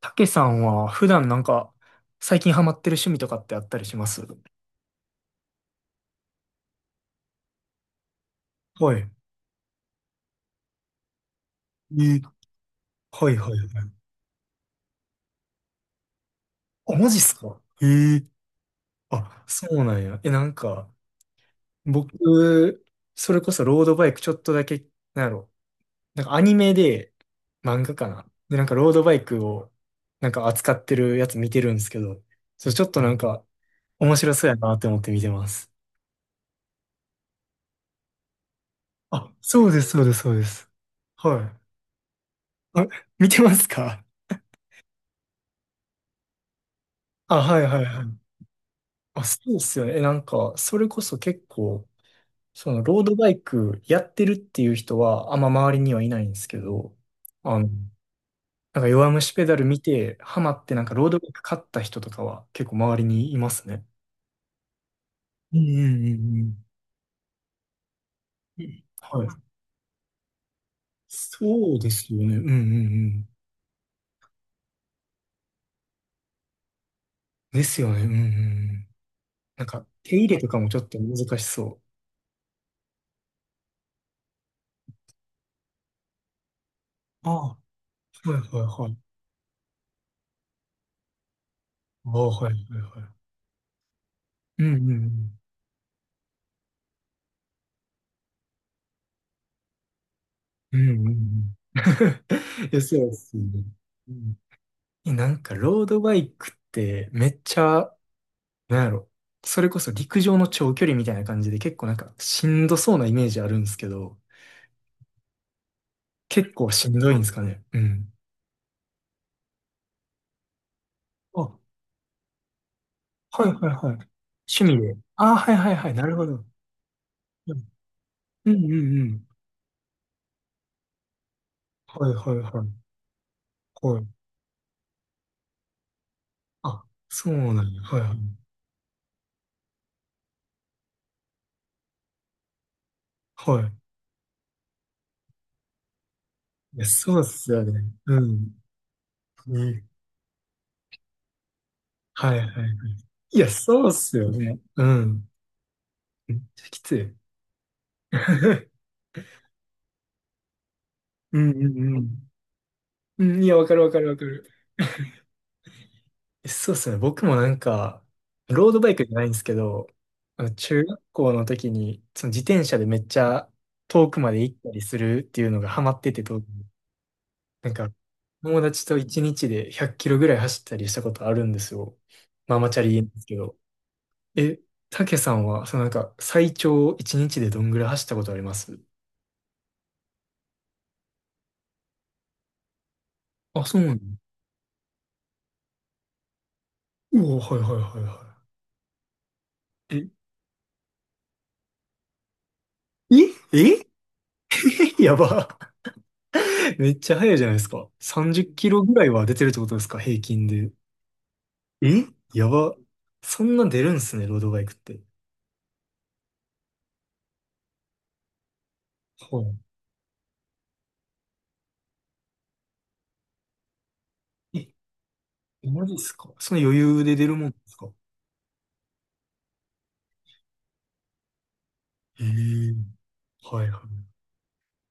たけさんは普段なんか最近ハマってる趣味とかってあったりします？はい。えーはいはいはい。あ、マジっすかえー、あ、そうなんや。え、なんか、僕、それこそロードバイクちょっとだけ、なんやろ。なんかアニメで、漫画かな。で、なんかロードバイクを、なんか扱ってるやつ見てるんですけど、それちょっとなんか面白そうやなって思って見てます。あ、そうです、そうです、そうです。はい。あ、見てますか？あ、はいはいはい。あ、そうですよね。え、なんか、それこそ結構、その、ロードバイクやってるっていう人は、あんま周りにはいないんですけど、あの、なんか弱虫ペダル見て、ハマって、なんかロードバイク買った人とかは結構周りにいますね。うんうんうんうん。はい。そうですよね。うんうんうん。ですよね。うんうんうん。なんか、手入れとかもちょっと難しそうああ、う。はいはいはい。ああ、はいはいはい。うんうんうん。うんうんうん。いや、そうですよね。うん。え、なんか、ロードバイクって、めっちゃ、なんやろ。それこそ陸上の長距離みたいな感じで、結構なんか、しんどそうなイメージあるんですけど、結構しんどいんですかね。うん。あ、はいはいはい。趣味で。あ、はいはいはい。なるほど。うんうんうんうん。はいはいはい。はい。あ、そうなんや。はいはい。はい。いや、そうっすよね。うん。ね。はいはい、いや、そうっすよね。うん。めっちゃきつい。うんうんうん。うん、いや、わかるわかるわかる。そうっすね。僕もなんか、ロードバイクじゃないんですけど、あの中学校の時に、その自転車でめっちゃ遠くまで行ったりするっていうのがハマってて、当時なんか、友達と一日で100キロぐらい走ったりしたことあるんですよ。ママチャリですけど。え、たけさんは、そのなんか、最長一日でどんぐらい走ったことあります？あ、そうなの、おお、はいはいはいはい。え、え、え、やば。めっちゃ速いじゃないですか。30キロぐらいは出てるってことですか、平均で。え、やば。そんな出るんすね、ロードバイクって。はい。え、マジっすか。その余裕で出るもんですか。ええ、はいはい。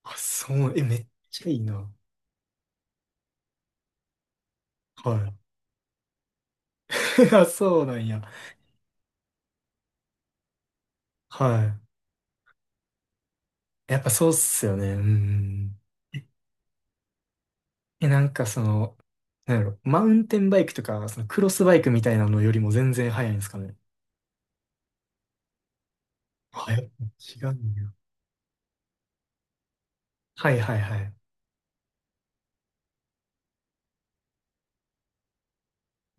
あ、そう、え、めっちゃいいな。はい。あ、そうなんや。はい。やっぱそうっすよね。うんうんうん。え、なんかその、なんやろ、マウンテンバイクとか、そのクロスバイクみたいなのよりも全然速いんですかね。はや、違うんや。はいはいはい。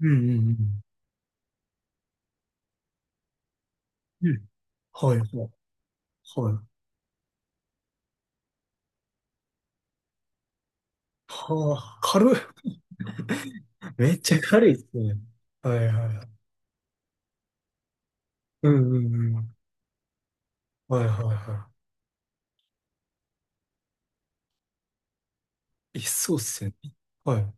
うんうんうん。うん、はいはいはい。はあ、軽い。めっちゃ軽いっすね。はいはいはい。うんうんうん。はいはいはい。え、そうっすよね。はい。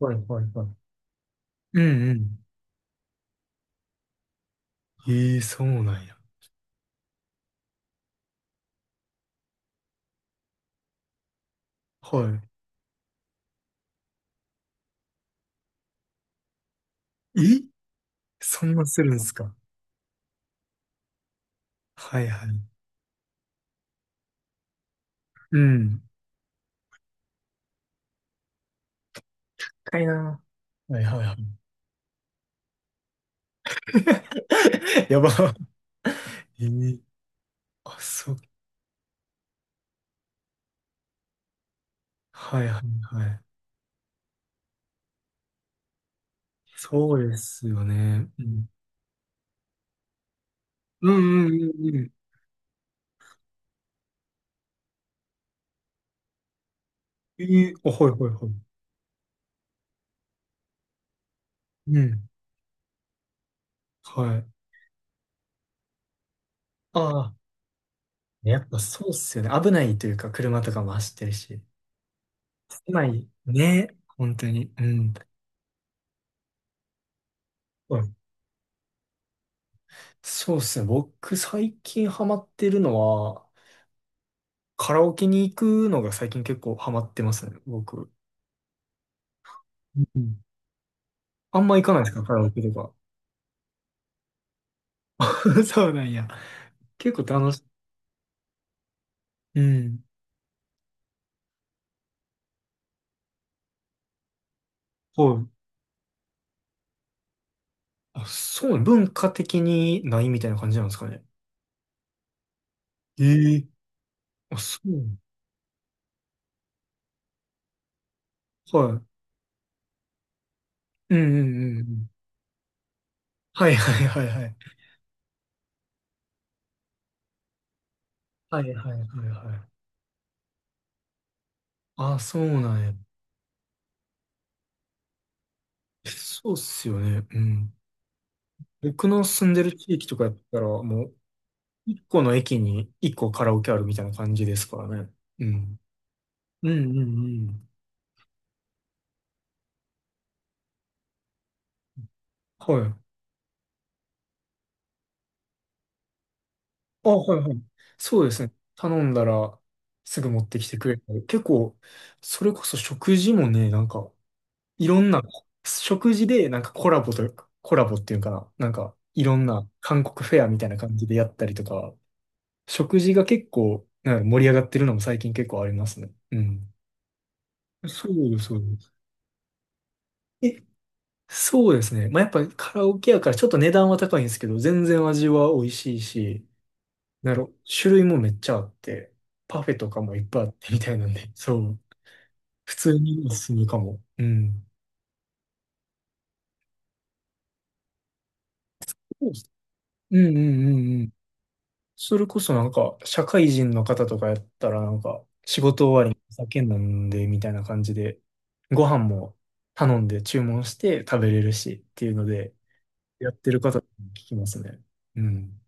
はいはいはい。うんうん。ええ、そうなんや。はい。え、そんなするんすか。はいはい。うん。かいな。はいはいはい。やば。えーあ、そう。はいはいはい。そうですよね。うん。うんうんうんうん。えー、あ、はいはいはい。うん。はい。ああ、やっぱそうっすよね。危ないというか、車とかも走ってるし。狭い。ね。本当に。うん。うん、そうっすね。僕、最近ハマってるのは、カラオケに行くのが最近結構ハマってますね。僕。うん、あんま行かないですか、カラオケとか。そうなんや。結構楽しい、うん。はい。あ、そう、文化的にないみたいな感じなんですかね。ええ。あ、そう。はい。うんうんうんうん。はいはいはいはい。はいはいはいはい。あ、そうなんや。そうっすよね。うん。僕の住んでる地域とかやったら、もう、一個の駅に一個カラオケあるみたいな感じですからね。うん。うんうんうん。はい。あ、はいはい。そうですね。頼んだらすぐ持ってきてくれたり。結構、それこそ食事もね、なんか、いろんな、食事でなんかコラボというか、コラボっていうのかな。なんか、いろんな韓国フェアみたいな感じでやったりとか、食事が結構、なんか盛り上がってるのも最近結構ありますね。うん。そうです、そうです。え、そうですね。まあ、やっぱカラオケやからちょっと値段は高いんですけど、全然味は美味しいし、なる種類もめっちゃあって、パフェとかもいっぱいあってみたいなんで、そう。普通におすすめかも。うん。そうっす、うんうんうんうん。それこそなんか、社会人の方とかやったらなんか、仕事終わりにお酒飲んでみたいな感じで、ご飯も頼んで注文して食べれるしっていうので、やってる方に聞きますね。うん。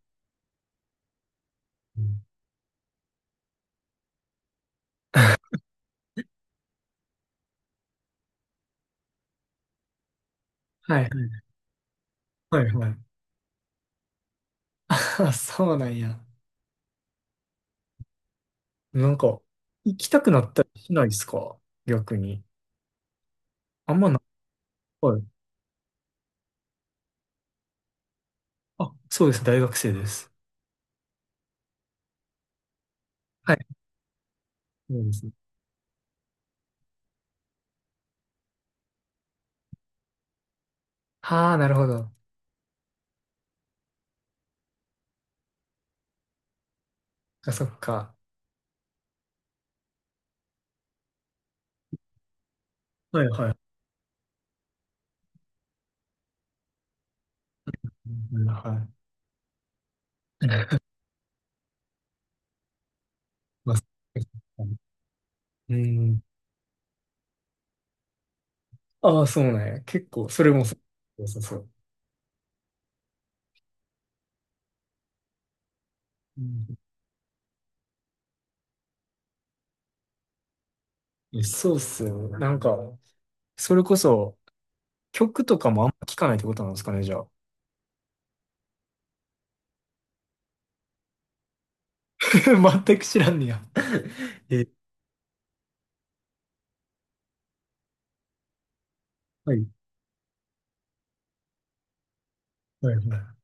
うん はいはいはいはい。あ、そうなんや。なんか、行きたくなったりしないですか逆に。あんまない、はい。あ、そうです。大学生です。はい。そうですね。ああ、なるほど。あ、そっか。はいはい。うん、はい。まあ、そうですね、うん。ああ、そうね。結構、それもそう。そうそう。うん、そうっすよね。なんか、それこそ、曲とかもあんま聞かないってことなんですかね、じゃあ。全く知らんねや。え、はい。はいはい。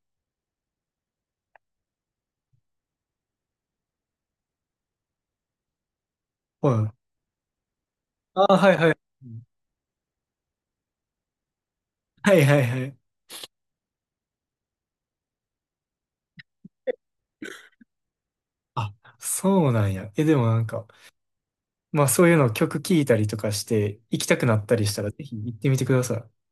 はい。ああ、はいはい。はいはいはい。あ、そうなんや。え、でもなんか、まあそういうのを曲聴いたりとかして行きたくなったりしたらぜひ行ってみてください。